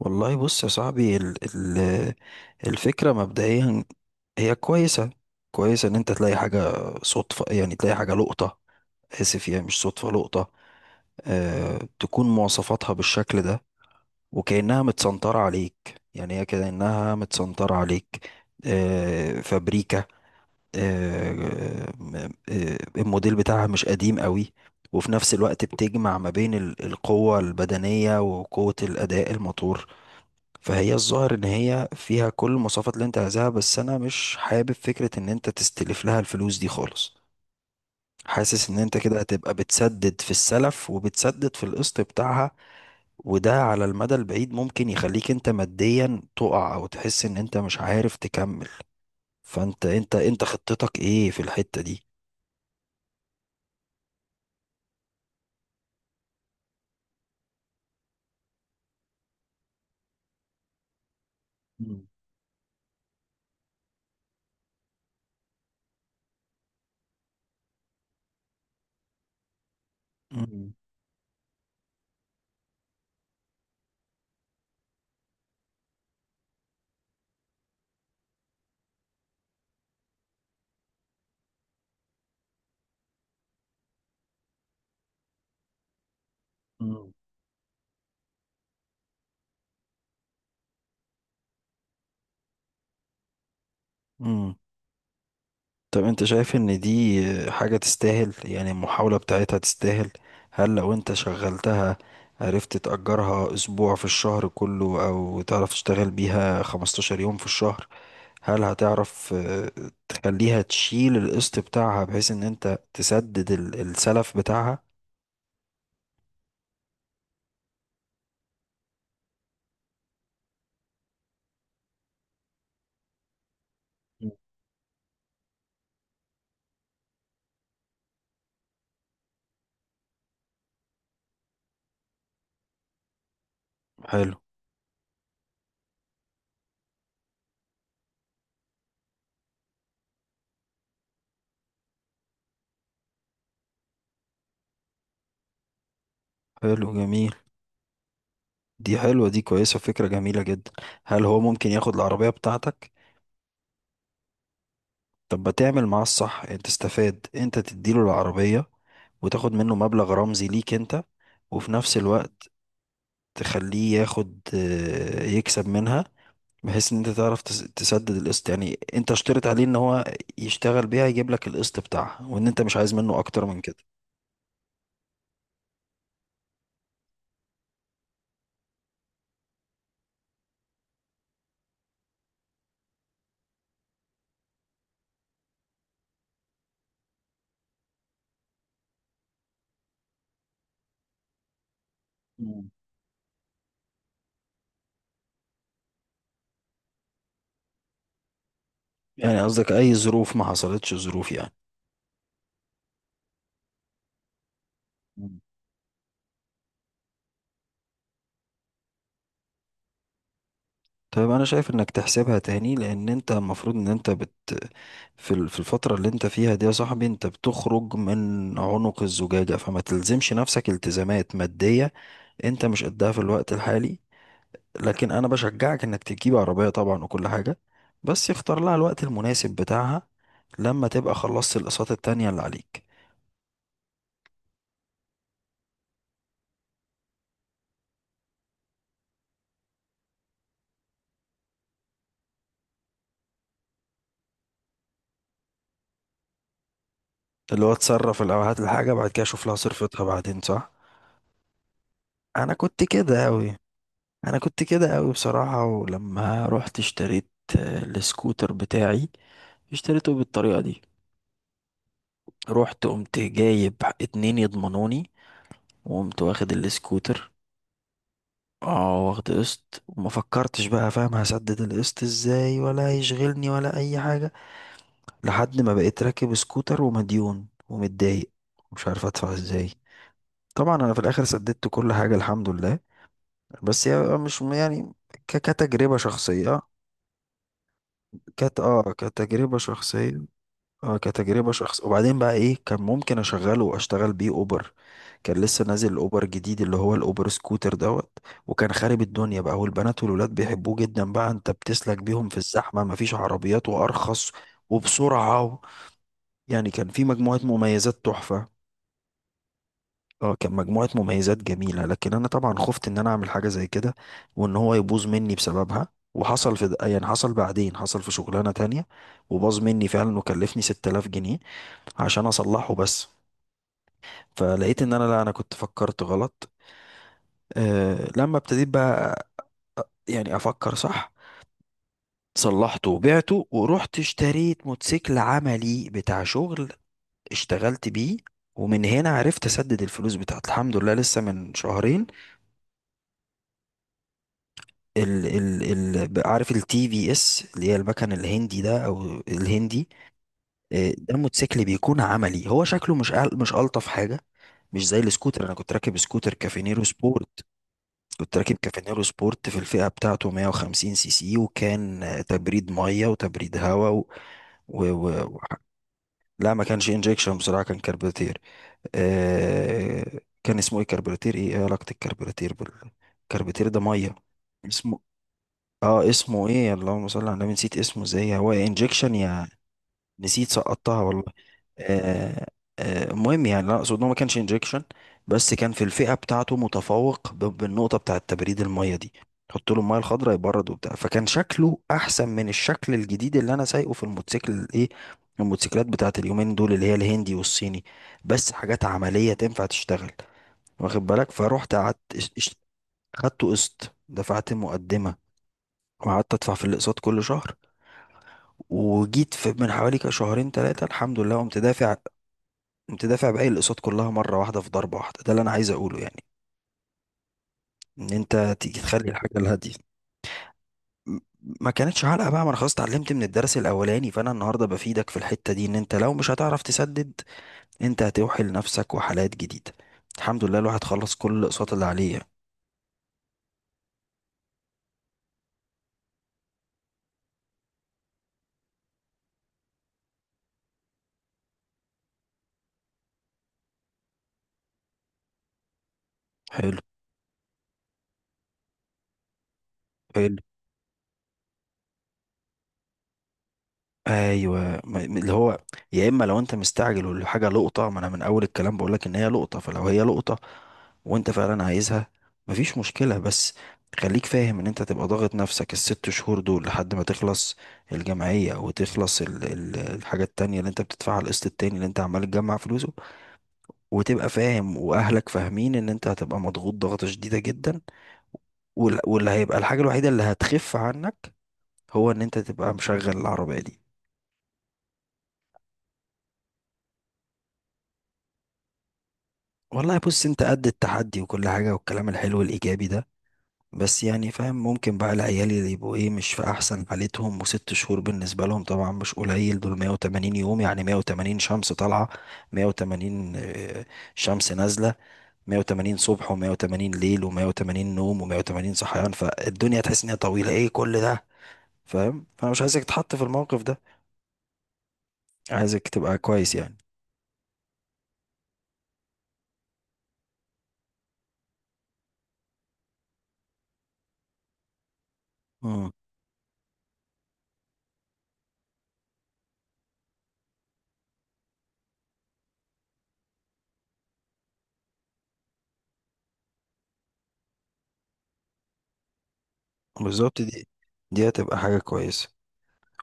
والله، بص يا صاحبي، ال ال الفكرة مبدئيا هي كويسة. كويسة ان انت تلاقي حاجة صدفة، يعني تلاقي حاجة لقطة. اسف، يعني مش صدفة لقطة. تكون مواصفاتها بالشكل ده، وكأنها متسنطرة عليك، يعني هي كأنها متسنطرة عليك. فابريكا. أه م- آه، الموديل بتاعها مش قديم قوي، وفي نفس الوقت بتجمع ما بين القوة البدنية وقوة الأداء الموتور. فهي الظاهر ان هي فيها كل المواصفات اللي انت عايزها، بس انا مش حابب فكرة ان انت تستلف لها الفلوس دي خالص. حاسس ان انت كده هتبقى بتسدد في السلف وبتسدد في القسط بتاعها، وده على المدى البعيد ممكن يخليك انت ماديا تقع او تحس ان انت مش عارف تكمل. فانت انت انت خطتك ايه في الحتة دي؟ مم. مم. مم. مم. مم. طب انت شايف ان دي حاجة تستاهل؟ يعني المحاولة بتاعتها تستاهل؟ هل لو انت شغلتها عرفت تأجرها اسبوع في الشهر كله، او تعرف تشتغل بيها 15 يوم في الشهر؟ هل هتعرف تخليها تشيل القسط بتاعها، بحيث ان انت تسدد السلف بتاعها؟ مم. حلو. حلو جميل، دي حلوة، دي كويسة، فكرة جميلة جدا. هل هو ممكن ياخد العربية بتاعتك؟ طب ما تعمل معاه الصح، انت تستفاد، انت تديله العربية وتاخد منه مبلغ رمزي ليك انت، وفي نفس الوقت تخليه ياخد يكسب منها، بحيث ان انت تعرف تسدد القسط. يعني انت اشترط عليه ان هو يشتغل بيها يجيب لك القسط بتاعها، وان انت مش عايز منه اكتر من كده. مم. يعني قصدك اي ظروف، ما حصلتش ظروف يعني؟ طيب انا شايف انك تحسبها تاني، لان انت المفروض ان انت في الفترة اللي انت فيها دي، يا صاحبي، انت بتخرج من عنق الزجاجة، فما تلزمش نفسك التزامات مادية انت مش قدها في الوقت الحالي. لكن انا بشجعك انك تجيب عربية طبعا وكل حاجة، بس اختار لها الوقت المناسب بتاعها، لما تبقى خلصت الاقساط التانية اللي عليك. اللي هو تصرف الاول، هات الحاجة، بعد كده شوف لها صرفتها بعدين، صح. انا كنت كده اوي، انا كنت كده قوي بصراحة. ولما رحت اشتريت السكوتر بتاعي، اشتريته بالطريقة دي. رحت قمت جايب اتنين يضمنوني، وقمت واخد السكوتر. اه، واخد قسط وما فكرتش، بقى فاهم هسدد القسط ازاي، ولا هيشغلني، ولا اي حاجة. لحد ما بقيت راكب سكوتر ومديون ومتضايق، مش عارف ادفع ازاي. طبعا انا في الاخر سددت كل حاجة الحمد لله. بس هي مش يعني كتجربة شخصية. كانت كتجربة شخصية. اه كتجربة شخص، وبعدين بقى ايه، كان ممكن اشغله واشتغل بيه اوبر. كان لسه نازل الاوبر جديد، اللي هو الاوبر سكوتر دوت، وكان خارب الدنيا بقى، والبنات والولاد بيحبوه جدا بقى، انت بتسلك بيهم في الزحمة، مفيش عربيات، وارخص، وبسرعة، يعني كان في مجموعة مميزات تحفة. اه، كان مجموعة مميزات جميلة، لكن انا طبعا خفت ان انا اعمل حاجة زي كده وان هو يبوظ مني بسببها. وحصل في يعني حصل بعدين، حصل في شغلانة تانية، وباظ مني فعلا، وكلفني 6000 جنيه عشان اصلحه بس. فلقيت ان انا لا، انا كنت فكرت غلط. لما ابتديت بقى يعني افكر صح، صلحته وبعته ورحت اشتريت موتوسيكل عملي بتاع شغل، اشتغلت بيه، ومن هنا عرفت اسدد الفلوس بتاعت الحمد لله لسه من شهرين. ال ال ال عارف التي في اس، اللي هي المكن الهندي ده او الهندي. آه، ده موتوسيكل بيكون عملي، هو شكله مش الطف حاجه، مش زي السكوتر. انا كنت راكب سكوتر كافينيرو سبورت. كنت راكب كافينيرو سبورت في الفئه بتاعته 150 سي سي، وكان تبريد ميه وتبريد هواء و... و... و... لا، ما كانش انجكشن بصراحه، كان كربوراتير. كان اسمه ايه كربوراتير؟ ايه، إيه علاقه الكربوراتير بال الكربوراتير ده ميه؟ اسمه اه اسمه ايه؟ اللهم صل على النبي، نسيت اسمه ازاي. هو انجكشن يا... نسيت سقطتها والله. آه المهم، يعني لا اقصد إن هو ما كانش انجكشن، بس كان في الفئه بتاعته متفوق بالنقطه بتاعه تبريد الميه دي. حط له الميه الخضراء يبرد وبتاع، فكان شكله احسن من الشكل الجديد اللي انا سايقه، في الموتوسيكل ايه، الموتوسيكلات بتاعه اليومين دول، اللي هي الهندي والصيني، بس حاجات عمليه تنفع تشتغل. واخد بالك؟ فروحت قعدت خدته قسط، دفعت مقدمه، وقعدت ادفع في الاقساط كل شهر، وجيت في من حوالي كده شهرين ثلاثه الحمد لله قمت دافع. قمت دافع باقي الاقساط كلها مره واحده، في ضربه واحده. ده اللي انا عايز اقوله يعني، ان انت تيجي تخلي الحاجه الهاديه. م- ما كانتش علقه بقى، ما انا خلاص اتعلمت من الدرس الاولاني. فانا النهارده بفيدك في الحته دي، ان انت لو مش هتعرف تسدد، انت هتوحي لنفسك وحالات جديده. الحمد لله الواحد خلص كل الاقساط اللي عليه يعني. حلو. حلو. ايوه، اللي هو، يا اما لو انت مستعجل والحاجه لقطه، ما انا من اول الكلام بقول لك ان هي لقطه، فلو هي لقطه وانت فعلا عايزها، مفيش مشكله، بس خليك فاهم ان انت تبقى ضاغط نفسك الست شهور دول لحد ما تخلص الجمعيه، وتخلص ال ال الحاجه التانية اللي انت بتدفعها، القسط التاني اللي انت عمال تجمع فلوسه، وتبقى فاهم، واهلك فاهمين، ان انت هتبقى مضغوط ضغطه شديده جدا. واللي هيبقى الحاجه الوحيده اللي هتخف عنك هو ان انت تبقى مشغل العربيه دي. والله، بص انت قد التحدي وكل حاجة والكلام الحلو الإيجابي ده، بس يعني فاهم، ممكن بقى العيال اللي يبقوا ايه مش في أحسن حالتهم، وست شهور بالنسبة لهم طبعا مش قليل، دول 180 يوم، يعني 180 شمس طالعة، 180 شمس نازلة، 180 صبح و180 ليل و180 نوم و180 صحيان. فالدنيا تحس ان هي طويلة ايه كل ده، فاهم؟ فأنا مش عايزك تتحط في الموقف ده، عايزك تبقى كويس يعني. امم. بالظبط، دي دي هتبقى حاجة كويسة.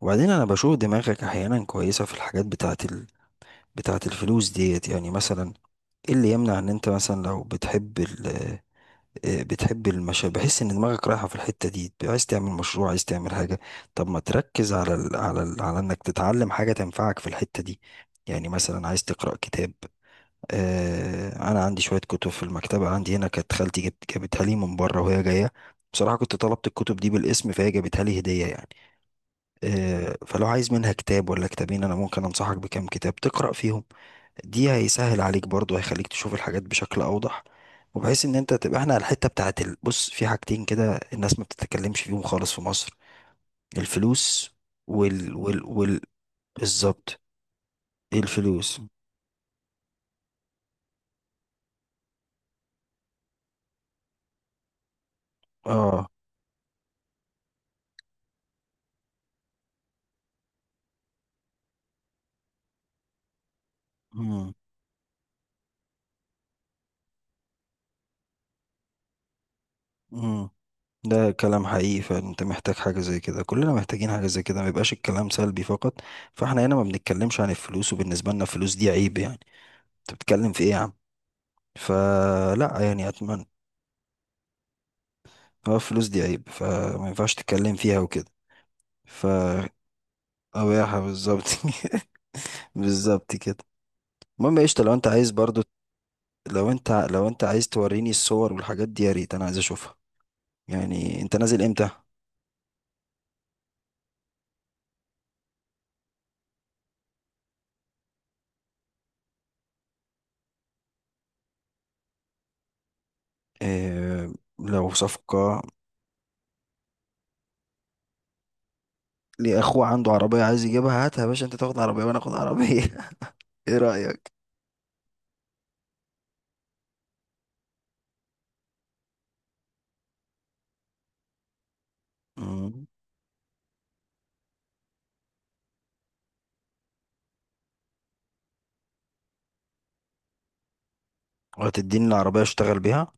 وبعدين انا بشوف دماغك احيانا كويسه في الحاجات بتاعت بتاعت الفلوس ديت. يعني مثلا، ايه اللي يمنع ان انت مثلا لو بتحب ال... آه، بتحب المشاريع، بحس ان دماغك رايحه في الحته دي، عايز تعمل مشروع، عايز تعمل حاجه؟ طب ما تركز على على انك تتعلم حاجه تنفعك في الحته دي. يعني مثلا عايز تقرا كتاب؟ انا عندي شويه كتب في المكتبه عندي هنا، كانت خالتي جبت جابتها لي من بره وهي جايه، بصراحه كنت طلبت الكتب دي بالاسم فهي جابتها لي هديه يعني. فلو عايز منها كتاب ولا كتابين، انا ممكن انصحك بكام كتاب تقرأ فيهم. دي هيسهل عليك برضو، هيخليك تشوف الحاجات بشكل اوضح، وبحيث ان انت تبقى... احنا على الحتة بتاعت بص، في حاجتين كده الناس ما بتتكلمش فيهم خالص في مصر: الفلوس، وال وال وال بالظبط الفلوس، اه. مم. مم. ده كلام حقيقي، فانت محتاج حاجة زي كده، كلنا محتاجين حاجة زي كده، ما يبقاش الكلام سلبي فقط. فاحنا هنا ما بنتكلمش عن الفلوس، وبالنسبة لنا الفلوس دي عيب يعني. انت بتتكلم في ايه يا عم؟ فلا، يعني اتمنى، هو الفلوس دي عيب فما ينفعش تتكلم فيها وكده. ف قباحة بالظبط. بالظبط كده. المهم يا قشطة، لو انت عايز برضو، لو انت لو انت عايز توريني الصور والحاجات دي يا ريت، انا عايز اشوفها. يعني انت نازل امتى؟ اه، لو صفقة، ليه اخوه عنده عربية عايز يجيبها، هاتها يا باشا، انت تاخد عربية وانا اخد عربية. ايه رأيك؟ مم. وهتديني العربية اشتغل بيها؟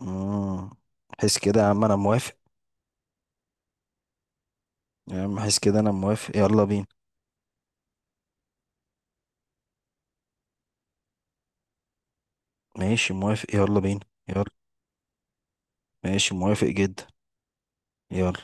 مم. حس كده يا عم، انا موافق. يا عم حس كده، انا موافق، يلا بينا. ماشي، موافق، يلا بينا. يلا. ماشي، موافق جدا. يلا.